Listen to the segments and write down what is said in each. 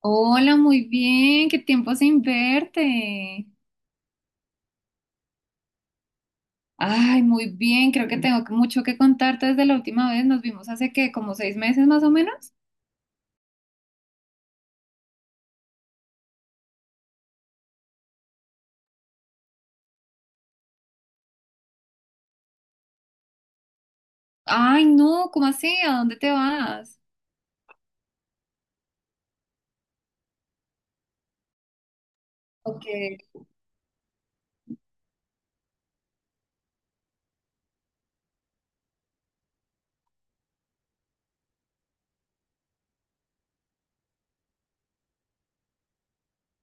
Hola, muy bien, qué tiempo sin verte. Ay, muy bien, creo que tengo mucho que contarte desde la última vez. Nos vimos hace que como 6 meses más o menos. Ay, no, ¿cómo así? ¿A dónde te vas? Ok.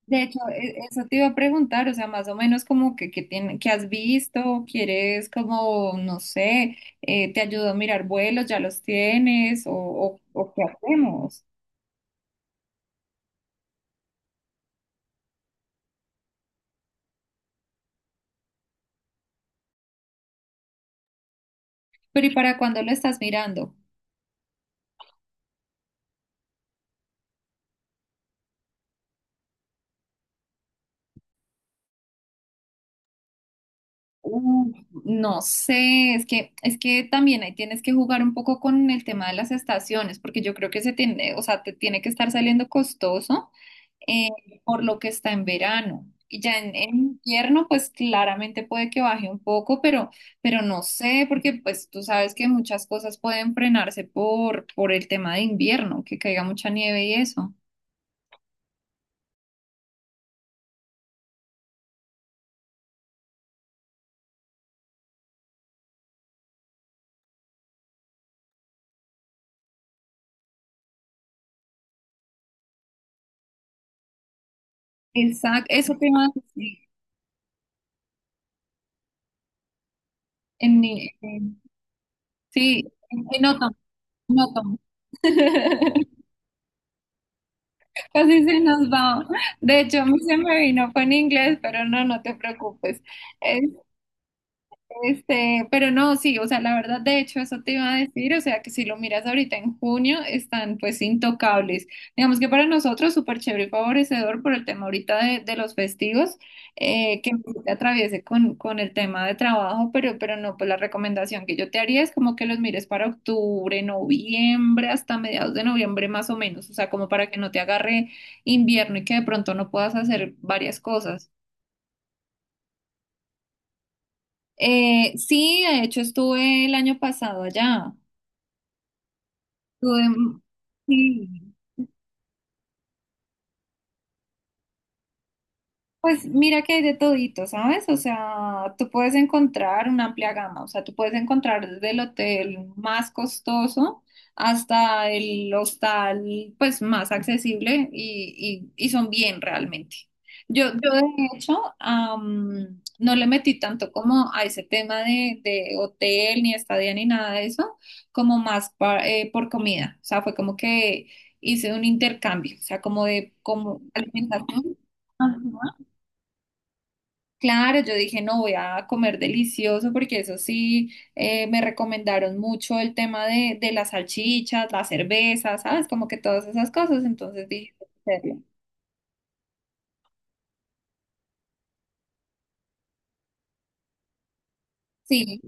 De hecho, eso te iba a preguntar, o sea, más o menos como que, que has visto, quieres como, no sé, te ayudo a mirar vuelos, ya los tienes, o qué hacemos. Pero ¿y para cuándo lo estás mirando? Uf, no sé, es que también ahí tienes que jugar un poco con el tema de las estaciones, porque yo creo que se tiene, o sea, te tiene que estar saliendo costoso eh, por lo que está en verano. Y ya en invierno, pues claramente puede que baje un poco, pero no sé, porque pues tú sabes que muchas cosas pueden frenarse por el tema de invierno, que caiga mucha nieve y eso. Exacto, eso te iba a decir. En, en- sí, en otoño, en otoño. Casi se nos va. De hecho, a mí se me vino fue en inglés, pero no, no te preocupes. Este, pero no, sí, o sea, la verdad, de hecho, eso te iba a decir, o sea, que si lo miras ahorita en junio, están pues intocables. Digamos que para nosotros súper chévere y favorecedor por el tema ahorita de los festivos, que no te atraviese con el tema de trabajo, pero no, pues la recomendación que yo te haría es como que los mires para octubre, noviembre, hasta mediados de noviembre más o menos, o sea, como para que no te agarre invierno y que de pronto no puedas hacer varias cosas. Sí, de hecho estuve el año pasado allá. Tuve, sí. Pues mira que hay de todito, ¿sabes? O sea, tú puedes encontrar una amplia gama, o sea, tú puedes encontrar desde el hotel más costoso hasta el hostal pues más accesible y son bien realmente. Yo de hecho no le metí tanto como a ese tema de hotel ni estadía ni nada de eso, como más por comida, o sea, fue como que hice un intercambio, o sea, como de como alimentación. Ajá. Claro, yo dije, no, voy a comer delicioso porque eso sí, me recomendaron mucho el tema de las salchichas, la cerveza, ¿sabes? Como que todas esas cosas, entonces dije, "Voy a hacerlo". Sí.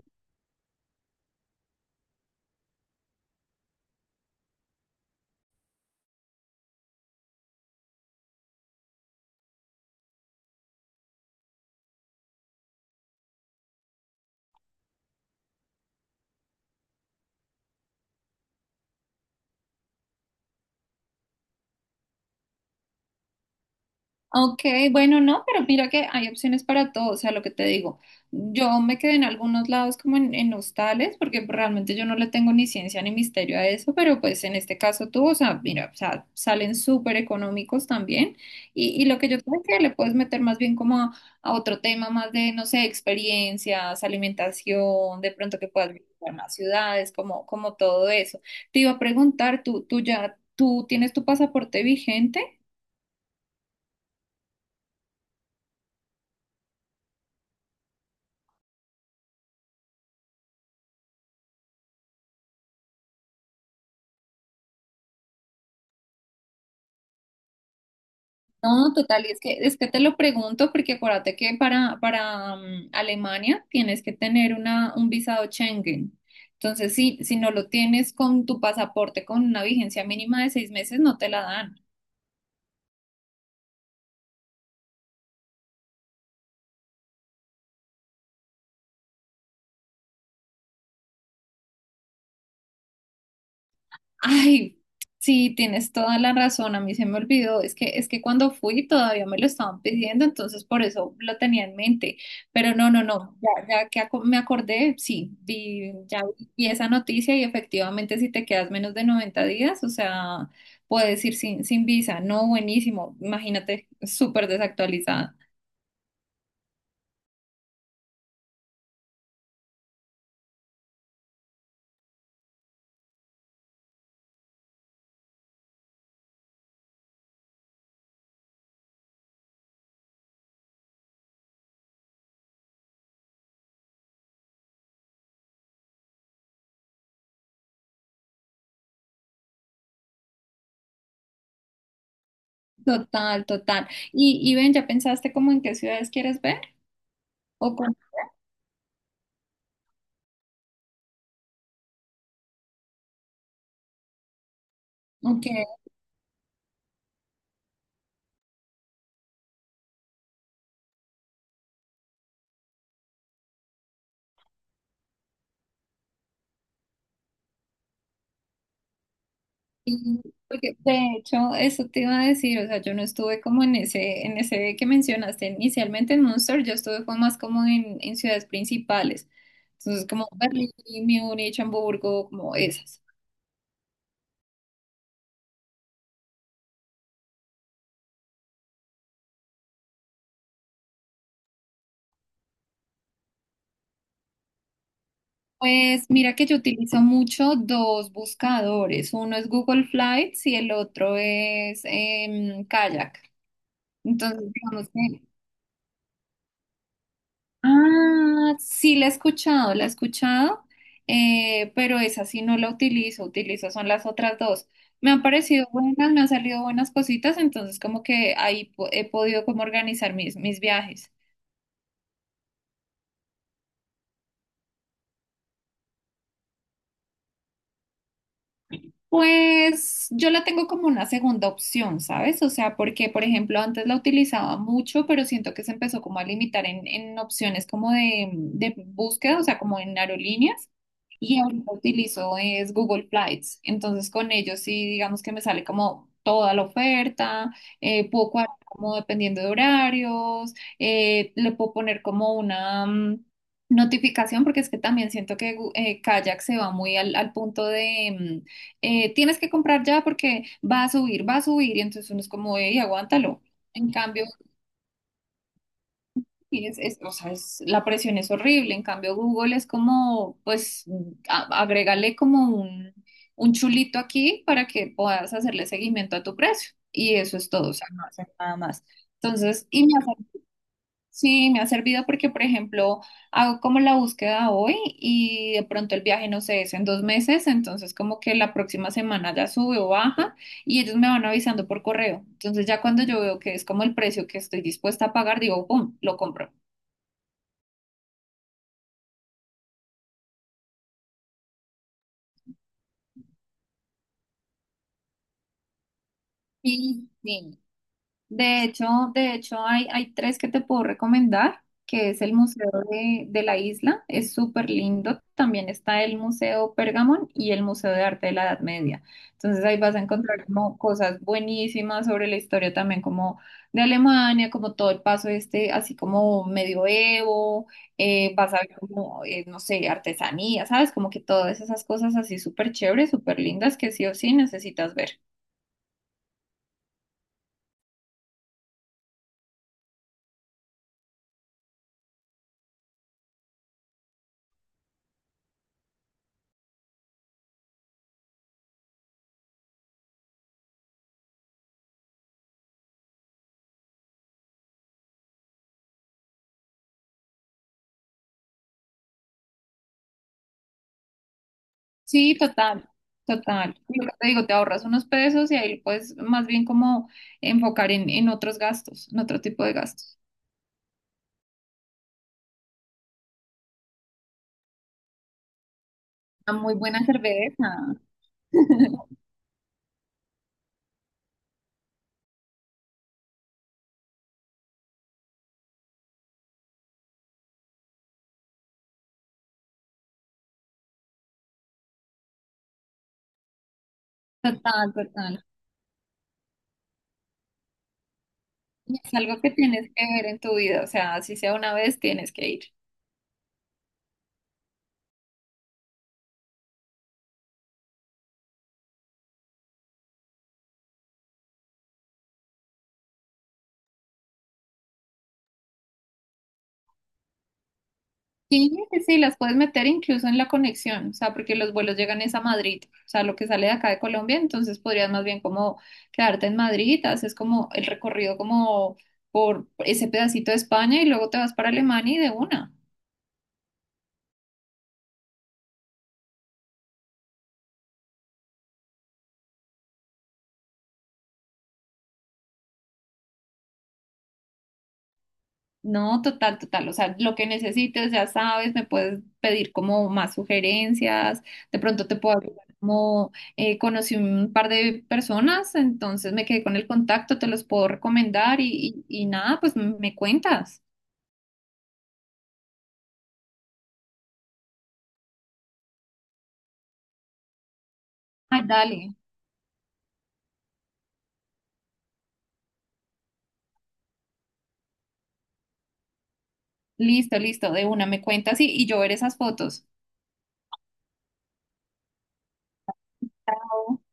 Ok, bueno, no, pero mira que hay opciones para todo, o sea, lo que te digo, yo me quedé en algunos lados como en hostales, porque realmente yo no le tengo ni ciencia ni misterio a eso, pero pues en este caso tú, o sea, mira, o sea, salen súper económicos también, y lo que yo creo que le puedes meter más bien como a otro tema más de, no sé, experiencias, alimentación, de pronto que puedas visitar más ciudades, como todo eso. Te iba a preguntar, ¿tú tienes tu pasaporte vigente? No, total, y es que te lo pregunto porque acuérdate que para Alemania tienes que tener un visado Schengen. Entonces, si no lo tienes con tu pasaporte con una vigencia mínima de 6 meses, no te la dan. Ay, sí, tienes toda la razón, a mí se me olvidó, es que cuando fui todavía me lo estaban pidiendo, entonces por eso lo tenía en mente, pero no, no, no, ya, me acordé, sí, ya vi esa noticia y efectivamente si te quedas menos de 90 días, o sea, puedes ir sin visa, no, buenísimo, imagínate, súper desactualizada. Total, total. Y ven, ¿ya pensaste como en qué ciudades quieres ver? ¿O con, ok. Sí, porque de hecho, eso te iba a decir, o sea, yo no estuve como en ese que mencionaste inicialmente en Munster, yo estuve fue más como en ciudades principales, entonces como Berlín, Múnich, Hamburgo, como esas. Pues mira que yo utilizo mucho dos buscadores, uno es Google Flights y el otro es Kayak. Entonces, digamos que. Ah, sí, la he escuchado, pero esa sí no la utilizo, utilizo son las otras dos. Me han parecido buenas, me han salido buenas cositas, entonces como que ahí he podido como organizar mis viajes. Pues yo la tengo como una segunda opción, ¿sabes? O sea, porque por ejemplo antes la utilizaba mucho, pero siento que se empezó como a limitar en opciones como de búsqueda, o sea, como en aerolíneas. Y ahorita utilizo es Google Flights. Entonces con ellos sí, digamos que me sale como toda la oferta, puedo cuadrar como dependiendo de horarios, le puedo poner como una notificación, porque es que también siento que Kayak se va muy al punto de tienes que comprar ya porque va a subir, y entonces uno es como, y aguántalo. En cambio, o sea, la presión es horrible. En cambio, Google es como, pues, agrégale como un chulito aquí para que puedas hacerle seguimiento a tu precio. Y eso es todo, o sea, no hace nada más. Entonces, sí, me ha servido porque, por ejemplo, hago como la búsqueda hoy y de pronto el viaje, no sé, es en 2 meses, entonces como que la próxima semana ya sube o baja y ellos me van avisando por correo. Entonces, ya cuando yo veo que es como el precio que estoy dispuesta a pagar, digo, ¡pum!, lo compro. Sí, sí. De hecho, de hecho, hay tres que te puedo recomendar, que es el Museo de la Isla, es súper lindo. También está el Museo Pergamon y el Museo de Arte de la Edad Media. Entonces ahí vas a encontrar como cosas buenísimas sobre la historia también como de Alemania, como todo el paso este, así como medioevo, vas a ver como, no sé, artesanía, ¿sabes? Como que todas esas cosas así súper chéveres, súper lindas que sí o sí necesitas ver. Sí, total, total. Lo que te digo, te ahorras unos pesos y ahí puedes más bien como enfocar en otros gastos, en otro tipo de gastos. Una muy buena cerveza. Total, total. Y es algo que tienes que ver en tu vida, o sea, si sea una vez, tienes que ir. Sí, sí, sí, las puedes meter incluso en la conexión, o sea, porque los vuelos llegan es a Madrid, o sea, lo que sale de acá de Colombia, entonces podrías más bien como quedarte en Madrid, haces como el recorrido como por ese pedacito de España y luego te vas para Alemania y de una. No, total, total, o sea, lo que necesites, ya sabes, me puedes pedir como más sugerencias, de pronto te puedo ayudar como conocí un par de personas, entonces me quedé con el contacto, te los puedo recomendar y nada, pues me cuentas. Ay, dale. Listo, listo, de una, me cuentas y yo ver esas fotos. Chao.